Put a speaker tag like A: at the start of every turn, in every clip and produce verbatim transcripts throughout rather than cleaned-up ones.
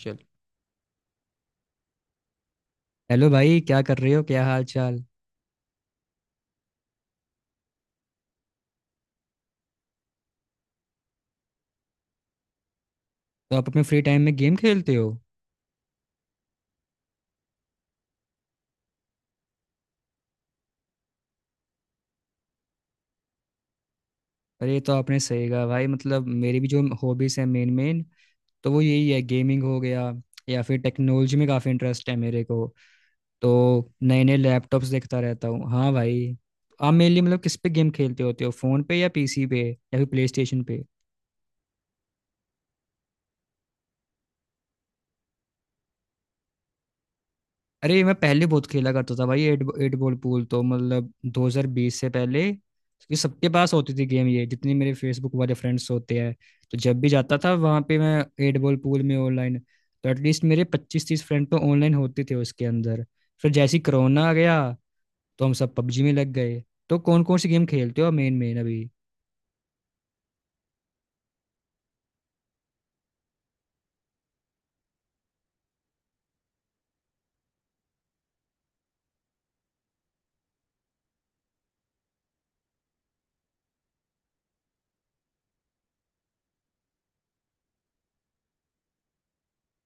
A: चल, हेलो भाई। क्या कर रहे हो, क्या हाल चाल। तो आप अपने फ्री टाइम में गेम खेलते हो? अरे ये तो आपने सही कहा भाई, मतलब मेरी भी जो हॉबीज है मेन मेन, तो वो यही है, गेमिंग हो गया, या फिर टेक्नोलॉजी में काफ़ी इंटरेस्ट है मेरे को। तो नए नए लैपटॉप्स देखता रहता हूँ, हाँ भाई। आप मेनली मतलब किस पे गेम खेलते होते हो, फ़ोन पे या पीसी पे या फिर प्ले स्टेशन पे? अरे, मैं पहले बहुत खेला करता था भाई। एट एट बॉल पूल तो मतलब दो हज़ार बीस से पहले ये सबके पास होती थी गेम, ये जितने मेरे फेसबुक वाले फ्रेंड्स होते हैं, तो जब भी जाता था वहाँ पे मैं एट बॉल पूल में ऑनलाइन, तो एटलीस्ट मेरे पच्चीस तीस फ्रेंड तो ऑनलाइन होते थे उसके अंदर। फिर जैसे ही कोरोना आ गया तो हम सब पबजी में लग गए। तो कौन कौन सी गेम खेलते हो मेन मेन अभी?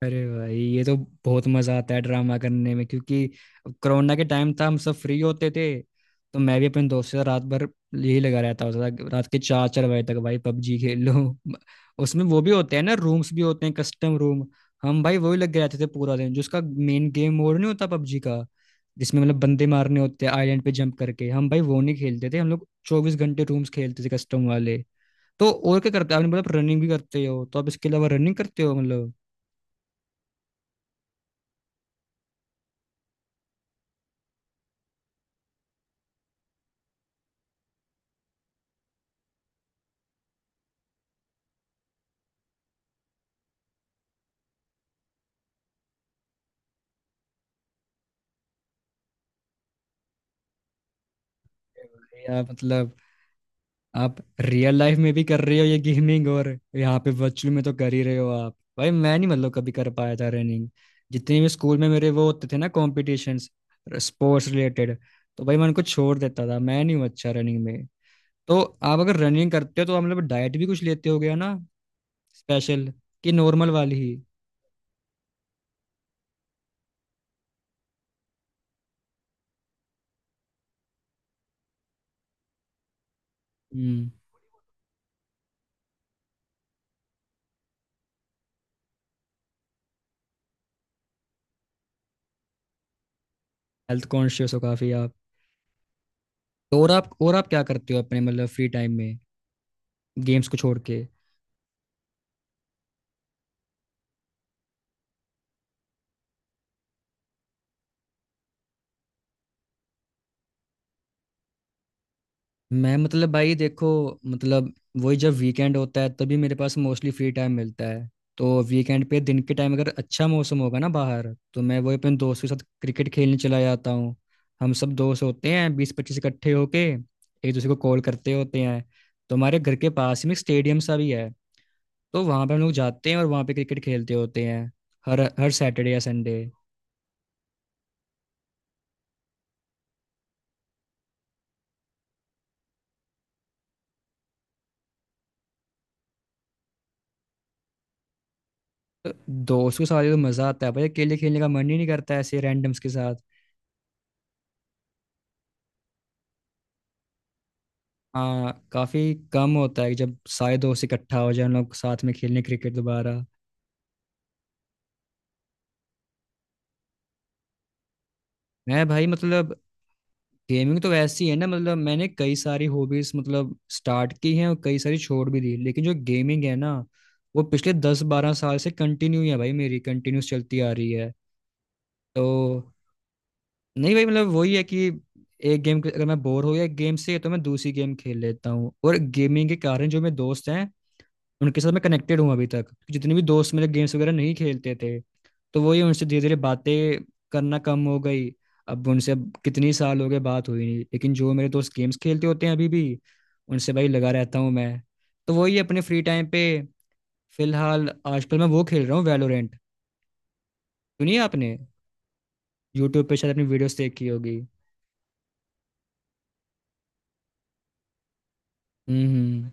A: अरे भाई ये तो बहुत मजा आता है ड्रामा करने में, क्योंकि कोरोना के टाइम था हम सब फ्री होते थे। तो मैं भी अपने दोस्त के साथ रात भर यही लगा रहता होता था, रात के चार चार बजे तक भाई पबजी खेल लो। उसमें वो भी होते हैं ना, रूम्स भी होते हैं, कस्टम रूम। हम भाई वही लग गए रहते थे पूरा दिन, जिसका मेन गेम मोड नहीं होता पबजी का, जिसमें मतलब बंदे मारने होते हैं आइलैंड पे जंप करके, हम भाई वो नहीं खेलते थे, हम लोग चौबीस घंटे रूम्स खेलते थे, कस्टम वाले। तो और क्या करते हो आपने, मतलब रनिंग भी करते हो तो आप इसके अलावा रनिंग करते हो मतलब? या मतलब आप रियल लाइफ में भी कर रहे हो ये गेमिंग, और यहाँ पे वर्चुअल में तो कर ही रहे हो आप भाई। मैं नहीं मतलब कभी कर पाया था रनिंग। जितने भी स्कूल में मेरे वो होते थे ना कॉम्पिटिशन्स, स्पोर्ट्स रिलेटेड, तो भाई मैं उनको छोड़ देता था, मैं नहीं हूँ अच्छा रनिंग में। तो आप अगर रनिंग करते हो तो आप मतलब डाइट भी कुछ लेते हो गया ना, स्पेशल कि नॉर्मल वाली ही? हम्म हेल्थ कॉन्शियस हो काफी आप। तो और आप और आप क्या करते हो अपने मतलब फ्री टाइम में, गेम्स को छोड़ के? मैं मतलब भाई देखो, मतलब वही जब वीकेंड होता है तभी मेरे पास मोस्टली फ्री टाइम मिलता है। तो वीकेंड पे दिन के टाइम अगर अच्छा मौसम होगा ना बाहर, तो मैं वही अपने दोस्तों के साथ क्रिकेट खेलने चला जाता हूँ। हम सब दोस्त होते हैं बीस पच्चीस, इकट्ठे होके एक दूसरे को कॉल करते होते हैं। तो हमारे घर के पास में स्टेडियम सा भी है। तो वहाँ पर हम लोग जाते हैं और वहाँ पे क्रिकेट खेलते होते हैं, हर हर सैटरडे या संडे। तो दोस्तों के साथ तो मज़ा आता है भाई, अकेले खेलने का मन ही नहीं करता ऐसे रैंडम्स के साथ। हाँ, काफी कम होता है जब सारे दोस्त इकट्ठा हो जाए हम लोग साथ में खेलने क्रिकेट दोबारा। मैं भाई मतलब गेमिंग तो वैसी है ना, मतलब मैंने कई सारी हॉबीज मतलब स्टार्ट की हैं और कई सारी छोड़ भी दी, लेकिन जो गेमिंग है ना वो पिछले दस बारह साल से कंटिन्यू है भाई, मेरी कंटिन्यूस चलती आ रही है। तो नहीं भाई, मतलब वही है कि एक गेम अगर मैं बोर हो गया एक गेम से, तो मैं दूसरी गेम खेल लेता हूँ। और गेमिंग के कारण जो मेरे दोस्त हैं उनके साथ मैं कनेक्टेड हूँ अभी तक। जितने भी दोस्त मेरे गेम्स वगैरह नहीं खेलते थे, तो वही उनसे धीरे धीरे बातें करना कम हो गई। अब उनसे अब कितनी साल हो गए बात हुई नहीं, लेकिन जो मेरे दोस्त गेम्स खेलते होते हैं अभी भी उनसे भाई लगा रहता हूँ मैं। तो वही अपने फ्री टाइम पे फिलहाल आजकल मैं वो खेल रहा हूँ, वैलोरेंट। सुनिए, आपने यूट्यूब पे शायद अपनी वीडियोस देखी होगी। हम्म, हम्म,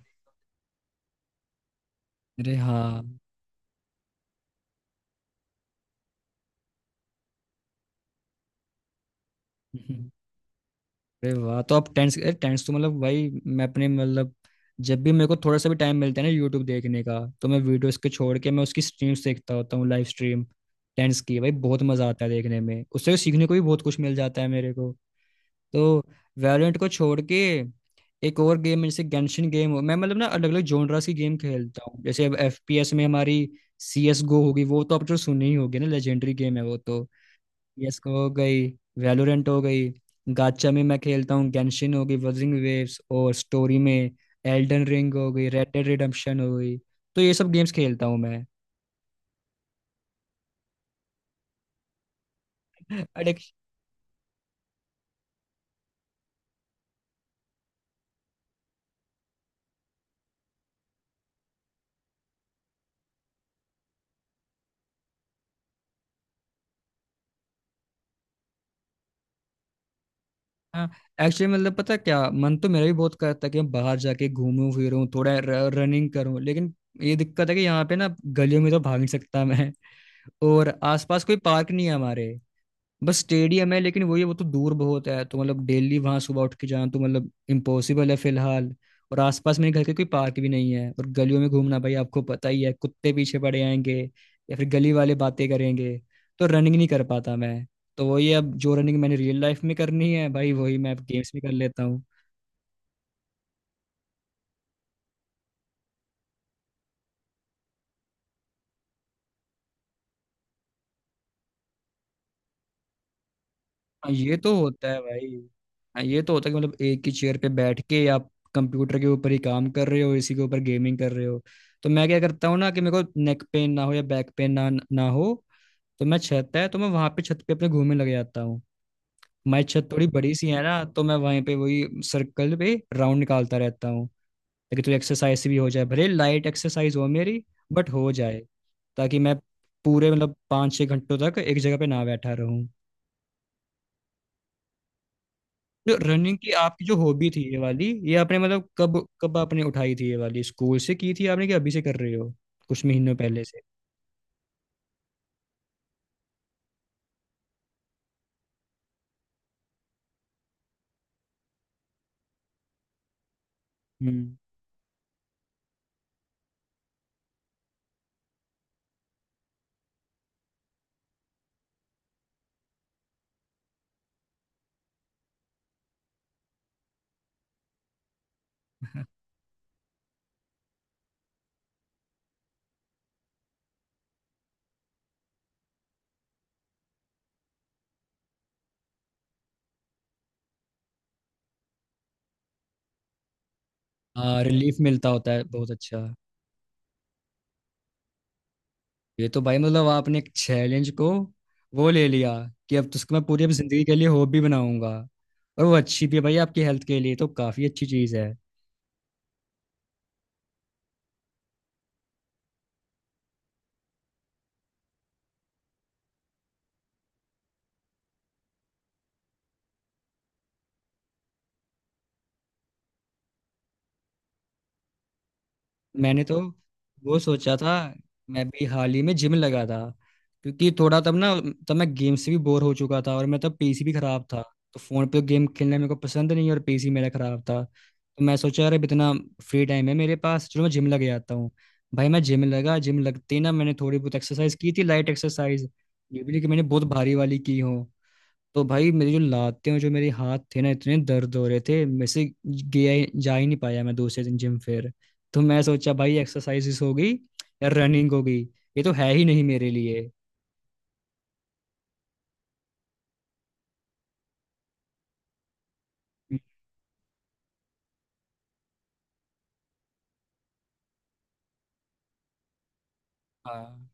A: अरे हाँ। अरे वाह, तो आप टेंस। अरे टेंस तो मतलब भाई मैं अपने मतलब जब भी मेरे को थोड़ा सा भी टाइम मिलता है ना यूट्यूब देखने का, तो मैं वीडियोस के छोड़ के मैं उसकी स्ट्रीम्स देखता होता हूँ, लाइव स्ट्रीम। टेंस की भाई बहुत मजा आता है देखने में, उससे सीखने को भी बहुत कुछ मिल जाता है मेरे को। तो वैलोरेंट को छोड़ के एक और गेम है, जैसे गेंशिन गेम हो। मैं मतलब ना अलग अलग जोनरास की गेम खेलता हूँ। जैसे अब एफपीएस में हमारी सी एस गो होगी, वो तो आप तो सुनी ही होगी ना, लेजेंडरी गेम है वो तो। सी एस:GO हो गई, वैलोरेंट हो गई। गाचा में मैं खेलता हूँ गेंशिन हो गई, वजिंग वेव्स। और स्टोरी में एल्डन रिंग हो गई, रेड डेड रिडेम्पशन हो गई। तो ये सब गेम्स खेलता हूँ मैं। एडिक्शन? हाँ, एक्चुअली मतलब पता है क्या, मन तो मेरा भी बहुत करता है कि मैं बाहर जाके घूमूं फिरूं थोड़ा, रनिंग करूं, लेकिन ये दिक्कत है कि यहाँ पे ना गलियों में तो भाग नहीं सकता मैं। और आसपास कोई पार्क नहीं है हमारे, बस स्टेडियम है लेकिन वही है, वो तो दूर बहुत है तो मतलब डेली वहां सुबह उठ के जाना तो मतलब इम्पॉसिबल है फिलहाल। और आसपास मेरे घर के कोई पार्क भी नहीं है, और गलियों में घूमना भाई आपको पता ही है, कुत्ते पीछे पड़े आएंगे या फिर गली वाले बातें करेंगे, तो रनिंग नहीं कर पाता मैं। तो वही अब जो रनिंग मैंने रियल लाइफ में करनी है भाई वही मैं अब गेम्स में कर लेता हूँ। हाँ, ये तो होता है भाई। हाँ, ये तो होता है कि मतलब एक ही चेयर पे बैठ के आप कंप्यूटर के ऊपर ही काम कर रहे हो, इसी के ऊपर गेमिंग कर रहे हो। तो मैं क्या करता हूँ ना, कि मेरे को नेक पेन ना हो या बैक पेन ना ना हो, तो मैं छत है तो मैं वहां पे छत पे अपने घूमने लग जाता हूँ। हमारी छत थोड़ी बड़ी सी है ना, तो मैं वहीं पे वही सर्कल पे राउंड निकालता रहता हूँ, ताकि थोड़ी एक्सरसाइज भी हो जाए, भले लाइट एक्सरसाइज हो मेरी बट हो जाए, ताकि मैं पूरे मतलब पाँच छः घंटों तक एक जगह पे ना बैठा रहूं। तो रनिंग की आपकी जो हॉबी थी ये वाली, ये आपने मतलब कब कब आपने उठाई थी ये वाली, स्कूल से की थी आपने कि अभी से कर रहे हो कुछ महीनों पहले से? हम्म। हाँ, रिलीफ मिलता होता है बहुत अच्छा। ये तो भाई मतलब आपने एक चैलेंज को वो ले लिया, कि अब तो उसको मैं पूरी अब जिंदगी के लिए हॉबी बनाऊंगा। और वो अच्छी भी है भाई, आपकी हेल्थ के लिए तो काफी अच्छी चीज है। मैंने तो वो सोचा था, मैं भी हाल ही में जिम लगा था, क्योंकि थोड़ा तब ना तब मैं गेम से भी बोर हो चुका था, और मैं तब पीसी भी खराब था। तो फोन पे गेम खेलना मेरे को पसंद नहीं, और पीसी मेरा खराब था, तो मैं सोचा अरे अब इतना फ्री टाइम है मेरे पास, चलो मैं जिम लगे आता हूँ। भाई मैं जिम लगा, जिम लगते ही ना मैंने थोड़ी बहुत एक्सरसाइज की थी, लाइट एक्सरसाइज, ये भी नहीं कि मैंने बहुत भारी वाली की हो। तो भाई मेरी जो लातें और जो मेरे हाथ थे ना इतने दर्द हो रहे थे, मेरे से गया ही- जा ही नहीं पाया मैं दूसरे दिन जिम फिर। तो मैं सोचा भाई एक्सरसाइजेस हो गई या रनिंग हो गई, ये तो है ही नहीं मेरे लिए। हाँ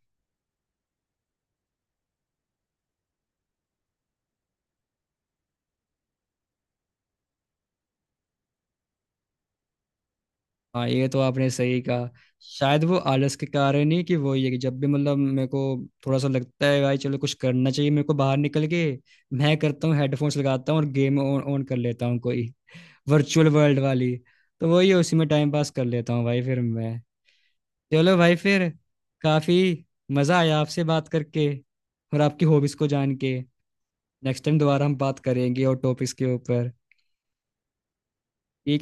A: हाँ, ये तो आपने सही कहा। शायद वो आलस के कारण ही, कि वो ये कि जब भी मतलब मेरे को थोड़ा सा लगता है भाई चलो कुछ करना चाहिए मेरे को बाहर निकल के, मैं करता हूँ हेडफोन्स लगाता हूँ और गेम ऑन ऑन कर लेता हूँ, कोई वर्चुअल वर्ल्ड वाली। तो वही उसी में टाइम पास कर लेता हूँ भाई फिर मैं। चलो भाई फिर, काफी मजा आया आपसे बात करके, और आपकी हॉबीज को जान के। नेक्स्ट टाइम दोबारा हम बात करेंगे और टॉपिक्स के ऊपर, ठीक है?